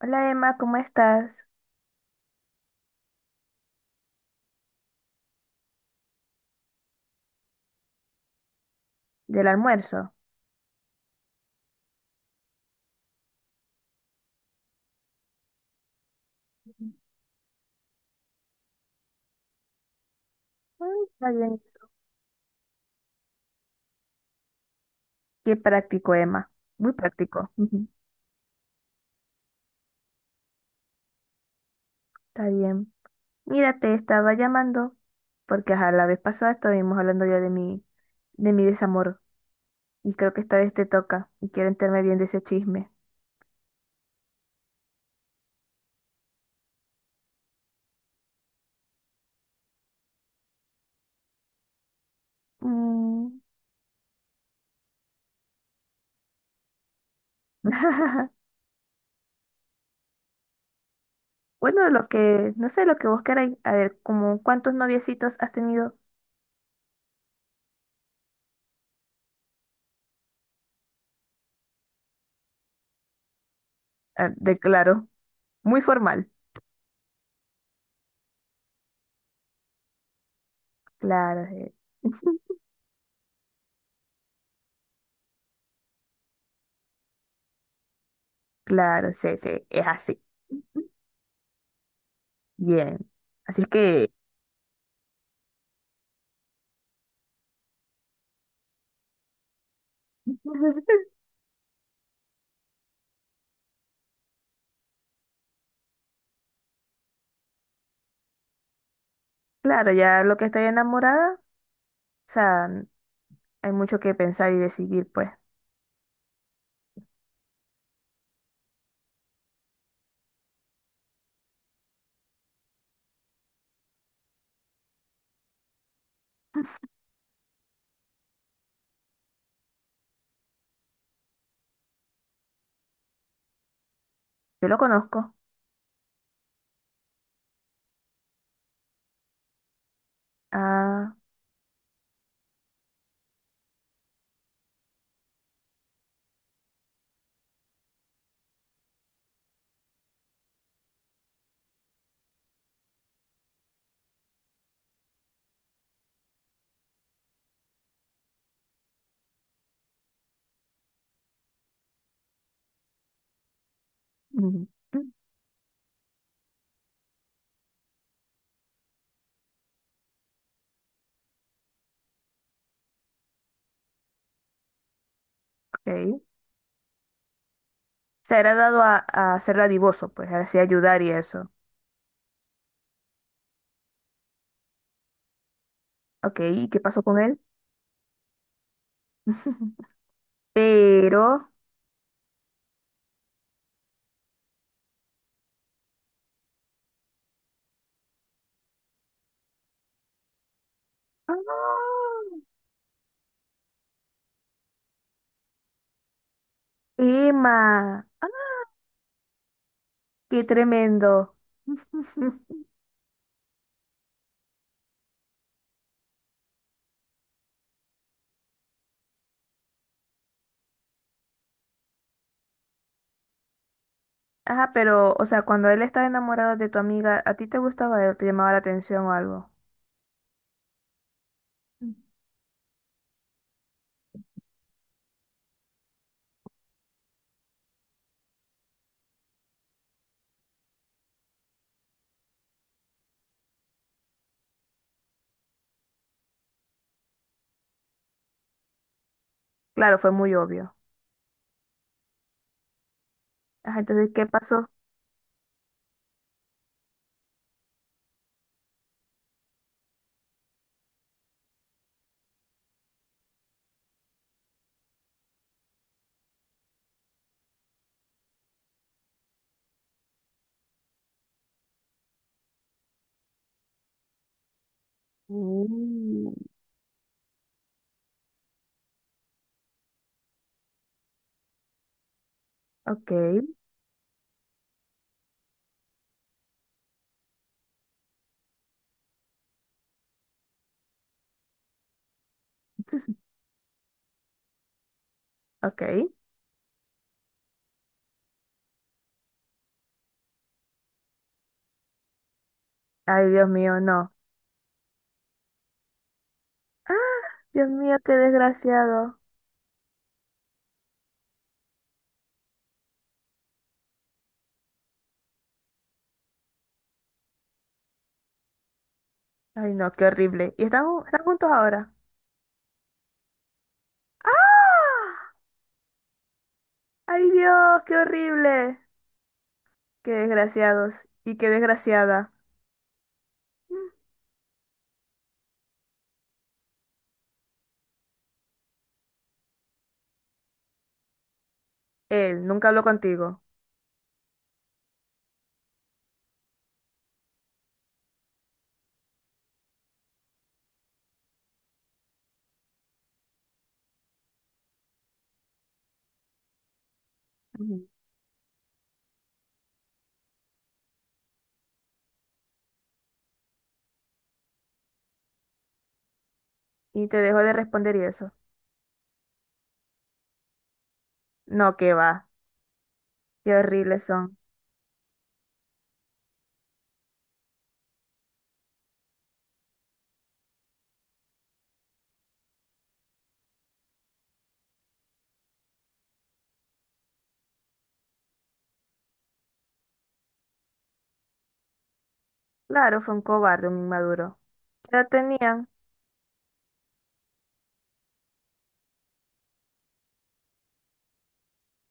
Hola Emma, ¿cómo estás? ¿Del almuerzo? Mm, está bien eso. Qué práctico, Emma. Muy práctico. Ujú. Está bien. Mira, te estaba llamando porque ajá, la vez pasada estuvimos hablando ya de mi desamor y creo que esta vez te toca y quiero enterarme bien de ese chisme. Mm. Bueno, lo que, no sé, lo que vos queráis. A ver, ¿como cuántos noviecitos has tenido? Ah, de claro, muy formal. Claro, eh. Claro, sí, sí, es así. Bien. Así es que, claro, ya lo que estoy enamorada, o sea, hay mucho que pensar y decidir, pues. Yo lo conozco. Ah, ujú, ok. Se ha dado a ser dadivoso, pues, así ayudar y eso. Ok, ¿y qué pasó con él? Pero... ¡Ah! Emma, ¡ah, qué tremendo! Ajá, pero, o sea, cuando él estaba enamorado de tu amiga, ¿a ti te gustaba él? ¿Te llamaba la atención o algo? Mm. Claro, fue muy obvio. Ajá, entonces, ¿qué pasó? Mm. Ok, ok. Ay, Dios mío, no. Dios mío, qué desgraciado. Ay, no, qué horrible. ¿Y están, ju- están juntos ahora? Ay, Dios, qué horrible. Qué desgraciados y qué desgraciada. Mm. ¿Él nunca habló contigo? Ujú. Y te dejó de responder y eso. No, qué va. Qué horribles son. Claro, fue un cobarde, un inmaduro. Ya tenían,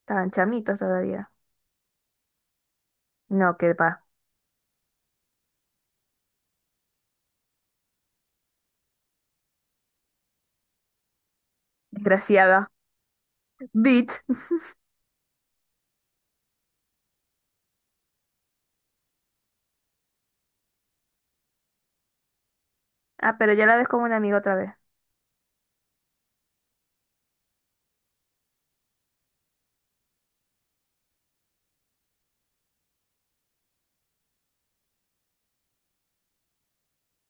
estaban chamitos todavía. No, qué va. Desgraciada. Bitch. Ah, pero ya la ves como un amigo otra vez.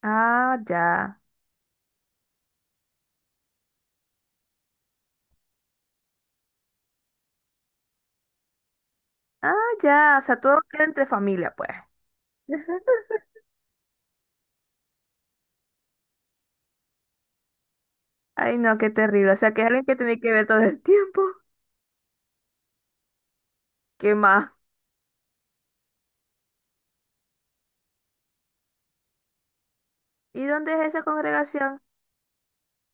Ah, ya. Ah, ya. O sea, todo queda entre familia, pues. Ay, no, qué terrible. O sea, que es alguien que tiene que ver todo el tiempo. ¿Qué más? ¿Y dónde es esa congregación?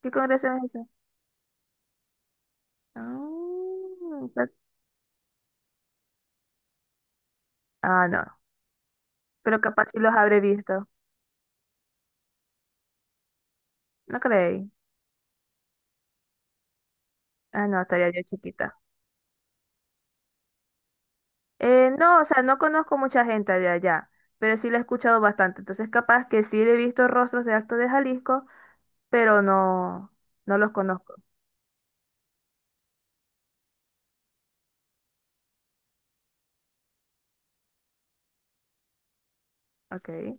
¿Qué congregación es esa? Ah, ta- ah, no. Pero capaz sí los habré visto. No creí. Ah, no, estaría yo chiquita. No, o sea, no conozco mucha gente de allá, pero sí la he escuchado bastante. Entonces, capaz que sí he visto rostros de Alto de Jalisco, pero no, no los conozco. Ok.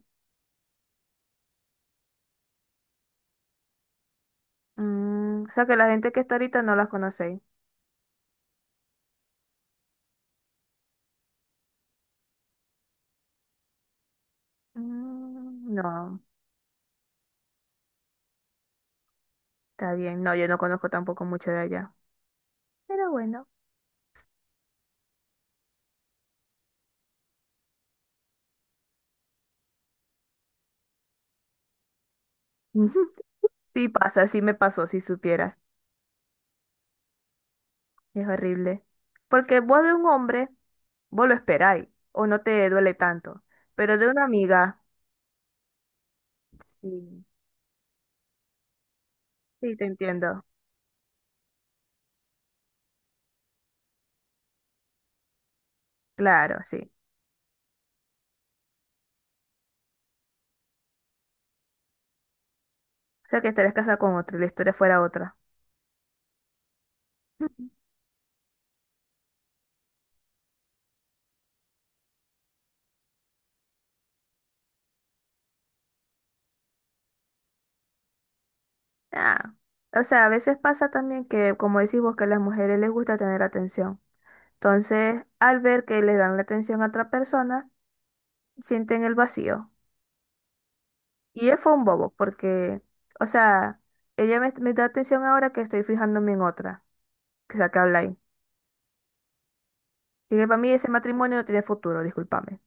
Mm, o sea que la gente que está ahorita no las conocéis. Mm, no, está bien. No, yo no conozco tampoco mucho de allá. Pero bueno. Ujú. Sí pasa, sí me pasó, si supieras. Es horrible. Porque vos de un hombre, vos lo esperáis, o no te duele tanto. Pero de una amiga, sí, sí te entiendo. Claro, sí. O sea que estarías casada con otro y la historia fuera otra. Ah. O sea, a veces pasa también que, como decís vos, que a las mujeres les gusta tener atención. Entonces, al ver que le dan la atención a otra persona, sienten el vacío. Y él fue un bobo, porque, o sea, ella me, me da atención ahora que estoy fijándome en otra, que es la que habla ahí. Y que para mí ese matrimonio no tiene futuro, discúlpame.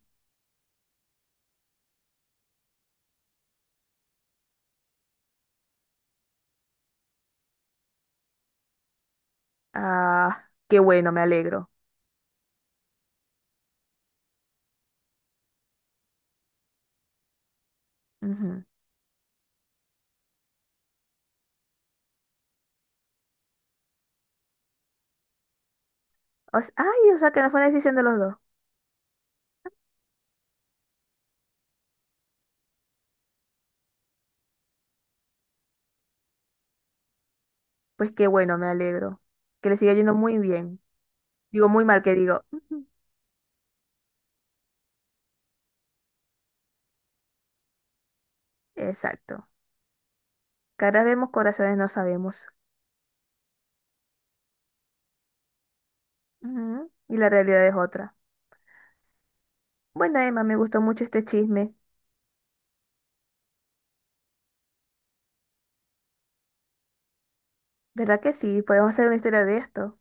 Ah, qué bueno, me alegro. Ujú. O sea, ay, o sea, que no fue una decisión de los dos. Pues qué bueno, me alegro. Que le siga yendo muy bien. Digo, muy mal, que digo. Ujú. Exacto. Caras vemos, corazones no sabemos. Ujú. Y la realidad es otra. Bueno, Emma, me gustó mucho este chisme. ¿Verdad que sí? Podemos hacer una historia de esto.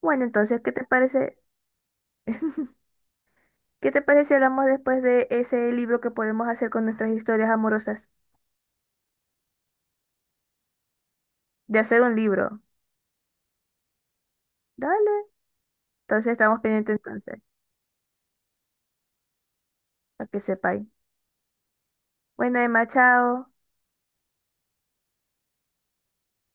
Bueno, entonces, ¿qué te parece? ¿Qué te parece si hablamos después de ese libro que podemos hacer con nuestras historias amorosas? De hacer un libro. Dale. Entonces estamos pendientes entonces, para que sepáis. Bueno, Emma, chao.